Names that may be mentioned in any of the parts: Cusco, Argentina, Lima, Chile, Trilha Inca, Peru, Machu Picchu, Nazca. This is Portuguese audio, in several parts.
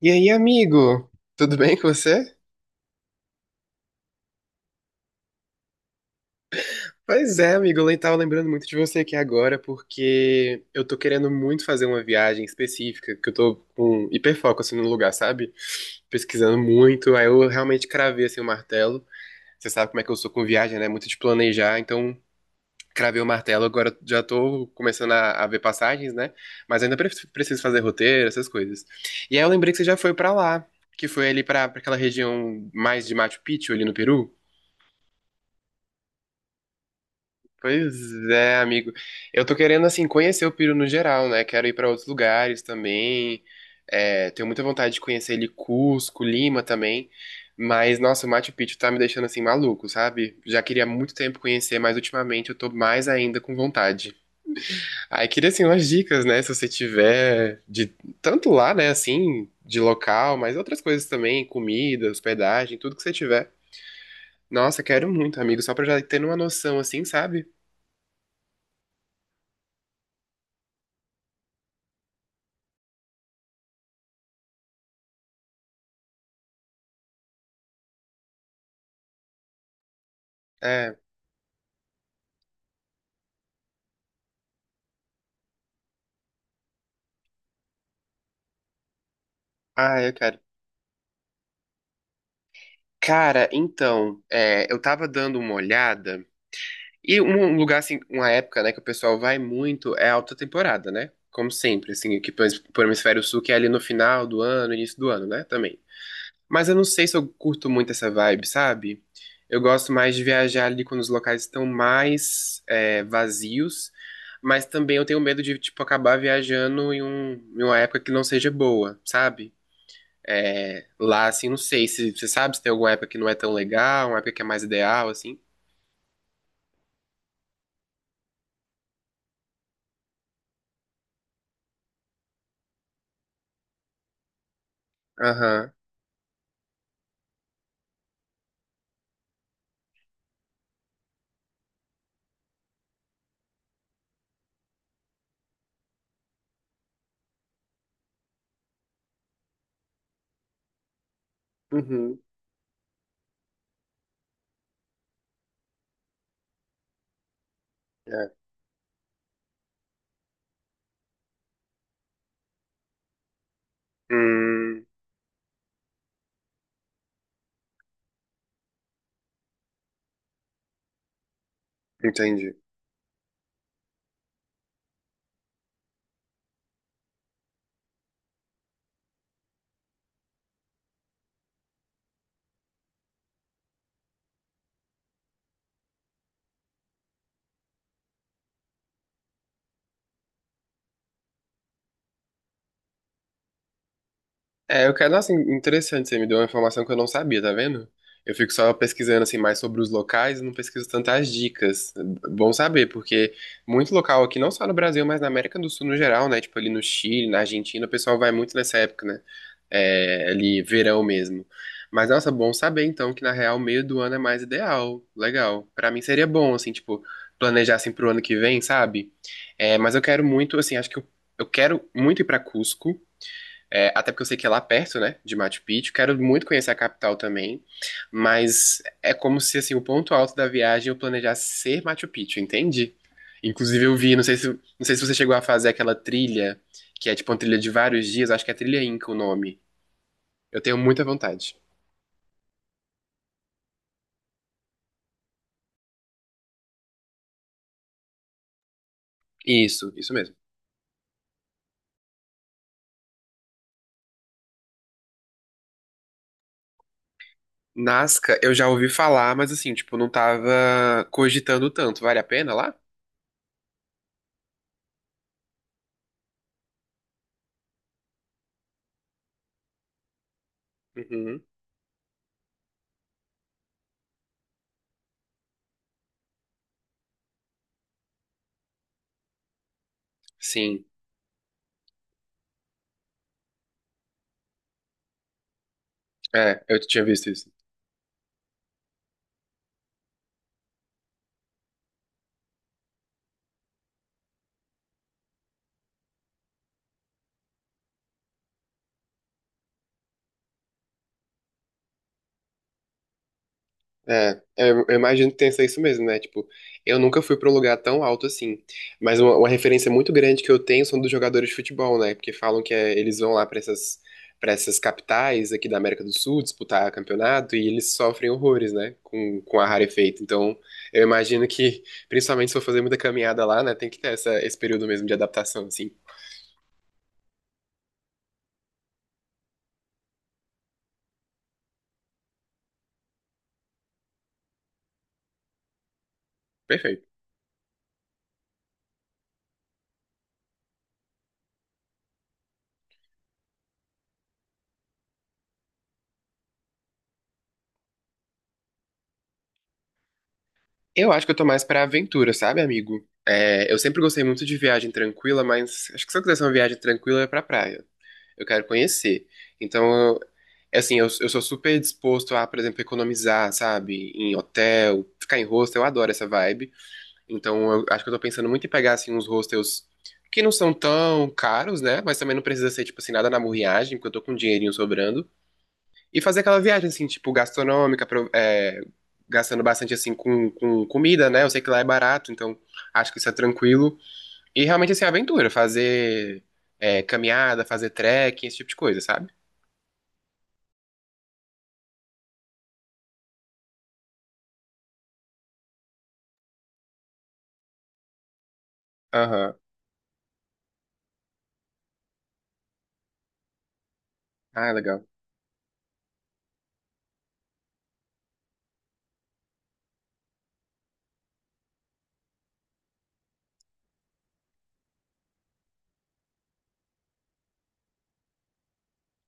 E aí, amigo? Tudo bem com você? Pois é, amigo, eu tava lembrando muito de você aqui agora, porque eu tô querendo muito fazer uma viagem específica, que eu tô com hiperfoco, assim, no lugar, sabe? Pesquisando muito, aí eu realmente cravei, assim, o martelo. Você sabe como é que eu sou com viagem, né? Muito de planejar, então cravei o martelo, agora já tô começando a ver passagens, né? Mas ainda preciso fazer roteiro, essas coisas. E aí eu lembrei que você já foi pra lá, que foi ali pra aquela região mais de Machu Picchu, ali no Peru. Pois é, amigo. Eu tô querendo, assim, conhecer o Peru no geral, né? Quero ir pra outros lugares também. É, tenho muita vontade de conhecer ele, Cusco, Lima também. Mas, nossa, o Machu Picchu tá me deixando, assim, maluco, sabe? Já queria há muito tempo conhecer, mas ultimamente eu tô mais ainda com vontade. Aí queria, assim, umas dicas, né? Se você tiver de tanto lá, né, assim, de local, mas outras coisas também, comida, hospedagem, tudo que você tiver. Nossa, quero muito, amigo, só pra já ter uma noção, assim, sabe? É. Ah, eu quero. Cara, então, é, eu tava dando uma olhada, e um lugar assim, uma época, né, que o pessoal vai muito é a alta temporada, né? Como sempre, assim, aqui pro hemisfério sul, que é ali no final do ano, início do ano, né, também. Mas eu não sei se eu curto muito essa vibe, sabe? Eu gosto mais de viajar ali quando os locais estão mais é, vazios, mas também eu tenho medo de, tipo, acabar viajando em uma época que não seja boa, sabe? É, lá, assim, não sei se você sabe se tem alguma época que não é tão legal, uma época que é mais ideal, assim. Aham. Uhum. É. Hum, entendi. É, eu quero, nossa, interessante, você me deu uma informação que eu não sabia, tá vendo? Eu fico só pesquisando assim mais sobre os locais e não pesquiso tantas dicas. Bom saber, porque muito local aqui, não só no Brasil, mas na América do Sul no geral, né? Tipo ali no Chile, na Argentina, o pessoal vai muito nessa época, né? É, ali verão mesmo. Mas, nossa, bom saber então que na real meio do ano é mais ideal. Legal. Pra mim seria bom, assim, tipo, planejar assim pro ano que vem, sabe? É, mas eu quero muito, assim, acho que eu quero muito ir pra Cusco. É, até porque eu sei que é lá perto, né, de Machu Picchu. Quero muito conhecer a capital também. Mas é como se, assim, o ponto alto da viagem é eu planejasse ser Machu Picchu, entende? Inclusive eu vi, não sei se você chegou a fazer aquela trilha, que é tipo uma trilha de vários dias, acho que é trilha Inca o nome. Eu tenho muita vontade. Isso mesmo. Nazca, eu já ouvi falar, mas assim, tipo, não tava cogitando tanto. Vale a pena lá? Uhum. Sim. É, eu tinha visto isso. É, eu imagino que tenha isso mesmo, né? Tipo, eu nunca fui pra um lugar tão alto assim. Mas uma referência muito grande que eu tenho são dos jogadores de futebol, né? Porque falam que eles vão lá pra para essas capitais aqui da América do Sul disputar campeonato e eles sofrem horrores, né? Com ar rarefeito. Então, eu imagino que, principalmente se for fazer muita caminhada lá, né? Tem que ter esse período mesmo de adaptação, assim. Perfeito. Eu acho que eu tô mais pra aventura, sabe, amigo? É, eu sempre gostei muito de viagem tranquila, mas acho que se eu quisesse uma viagem tranquila é pra praia. Eu quero conhecer. Então, eu- é assim, eu sou super disposto a, por exemplo, economizar, sabe? Em hotel, ficar em hostel, eu adoro essa vibe. Então, eu acho que eu tô pensando muito em pegar, assim, uns hostels que não são tão caros, né? Mas também não precisa ser, tipo assim, nada na murriagem, porque eu tô com um dinheirinho sobrando. E fazer aquela viagem, assim, tipo, gastronômica, gastando bastante, assim, com comida, né? Eu sei que lá é barato, então acho que isso é tranquilo. E realmente, assim, aventura, fazer caminhada, fazer trekking, esse tipo de coisa, sabe? Aham. Ah, legal.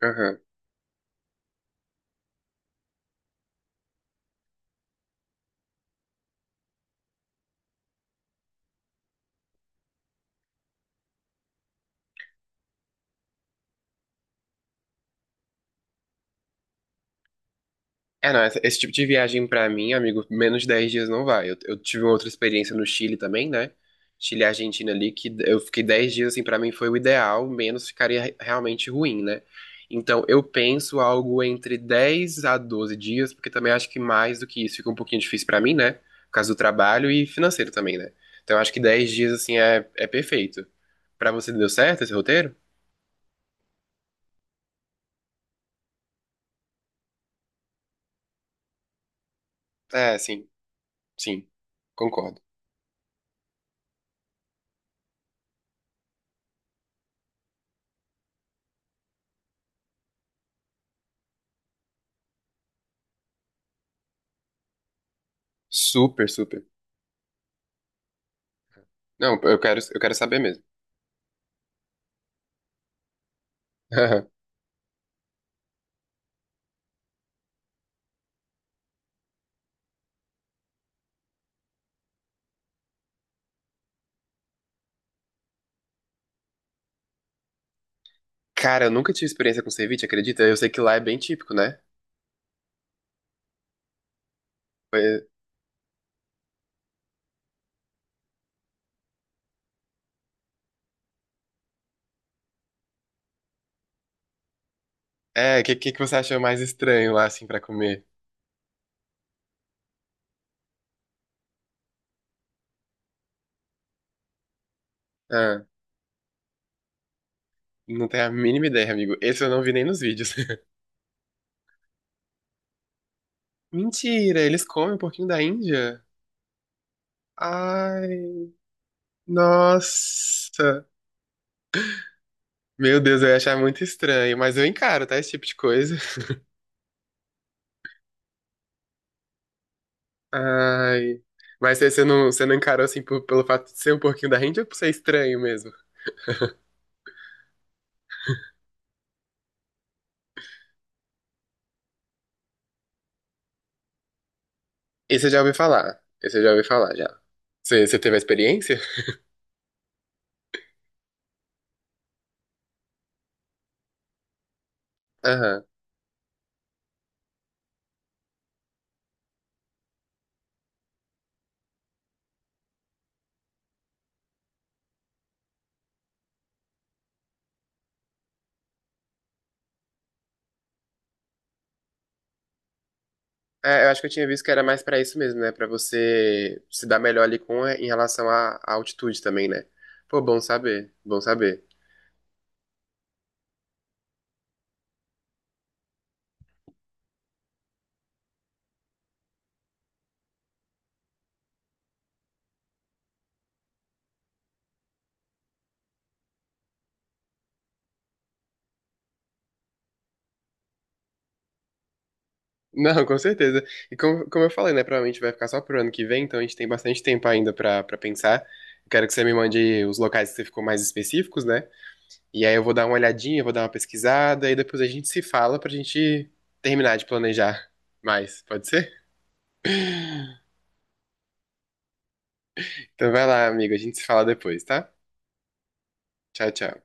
Aham. É, não, esse tipo de viagem pra mim, amigo, menos de 10 dias não vai. Eu tive uma outra experiência no Chile também, né? Chile e Argentina ali, que eu fiquei 10 dias, assim, pra mim foi o ideal, menos ficaria realmente ruim, né? Então, eu penso algo entre 10 a 12 dias, porque também acho que mais do que isso fica um pouquinho difícil pra mim, né? Por causa do trabalho e financeiro também, né? Então, eu acho que 10 dias, assim, é perfeito. Pra você deu certo esse roteiro? É, sim, sim, concordo. Super, super. Não, eu quero, saber mesmo. Cara, eu nunca tive experiência com ceviche, acredita? Eu sei que lá é bem típico, né? Foi- É, o que, que você achou mais estranho lá, assim, pra comer? Ah, não tenho a mínima ideia, amigo. Esse eu não vi nem nos vídeos. Mentira, eles comem um pouquinho da Índia? Ai, nossa. Meu Deus, eu ia achar muito estranho, mas eu encaro, tá? Esse tipo de coisa. Ai. Mas você não, você não encarou, assim, pelo fato de ser um pouquinho da Índia ou por ser estranho mesmo? Esse eu já ouvi falar. Esse eu já ouvi falar, já. Você teve a experiência? Aham. É, eu acho que eu tinha visto que era mais pra isso mesmo, né? Pra você se dar melhor ali com em relação à altitude também, né? Pô, bom saber, bom saber. Não, com certeza. E como eu falei, né? Provavelmente vai ficar só pro ano que vem, então a gente tem bastante tempo ainda pra pensar. Eu quero que você me mande os locais que você ficou mais específicos, né? E aí eu vou dar uma olhadinha, vou dar uma pesquisada, e depois a gente se fala pra gente terminar de planejar mais. Pode ser? Então vai lá, amigo. A gente se fala depois, tá? Tchau, tchau.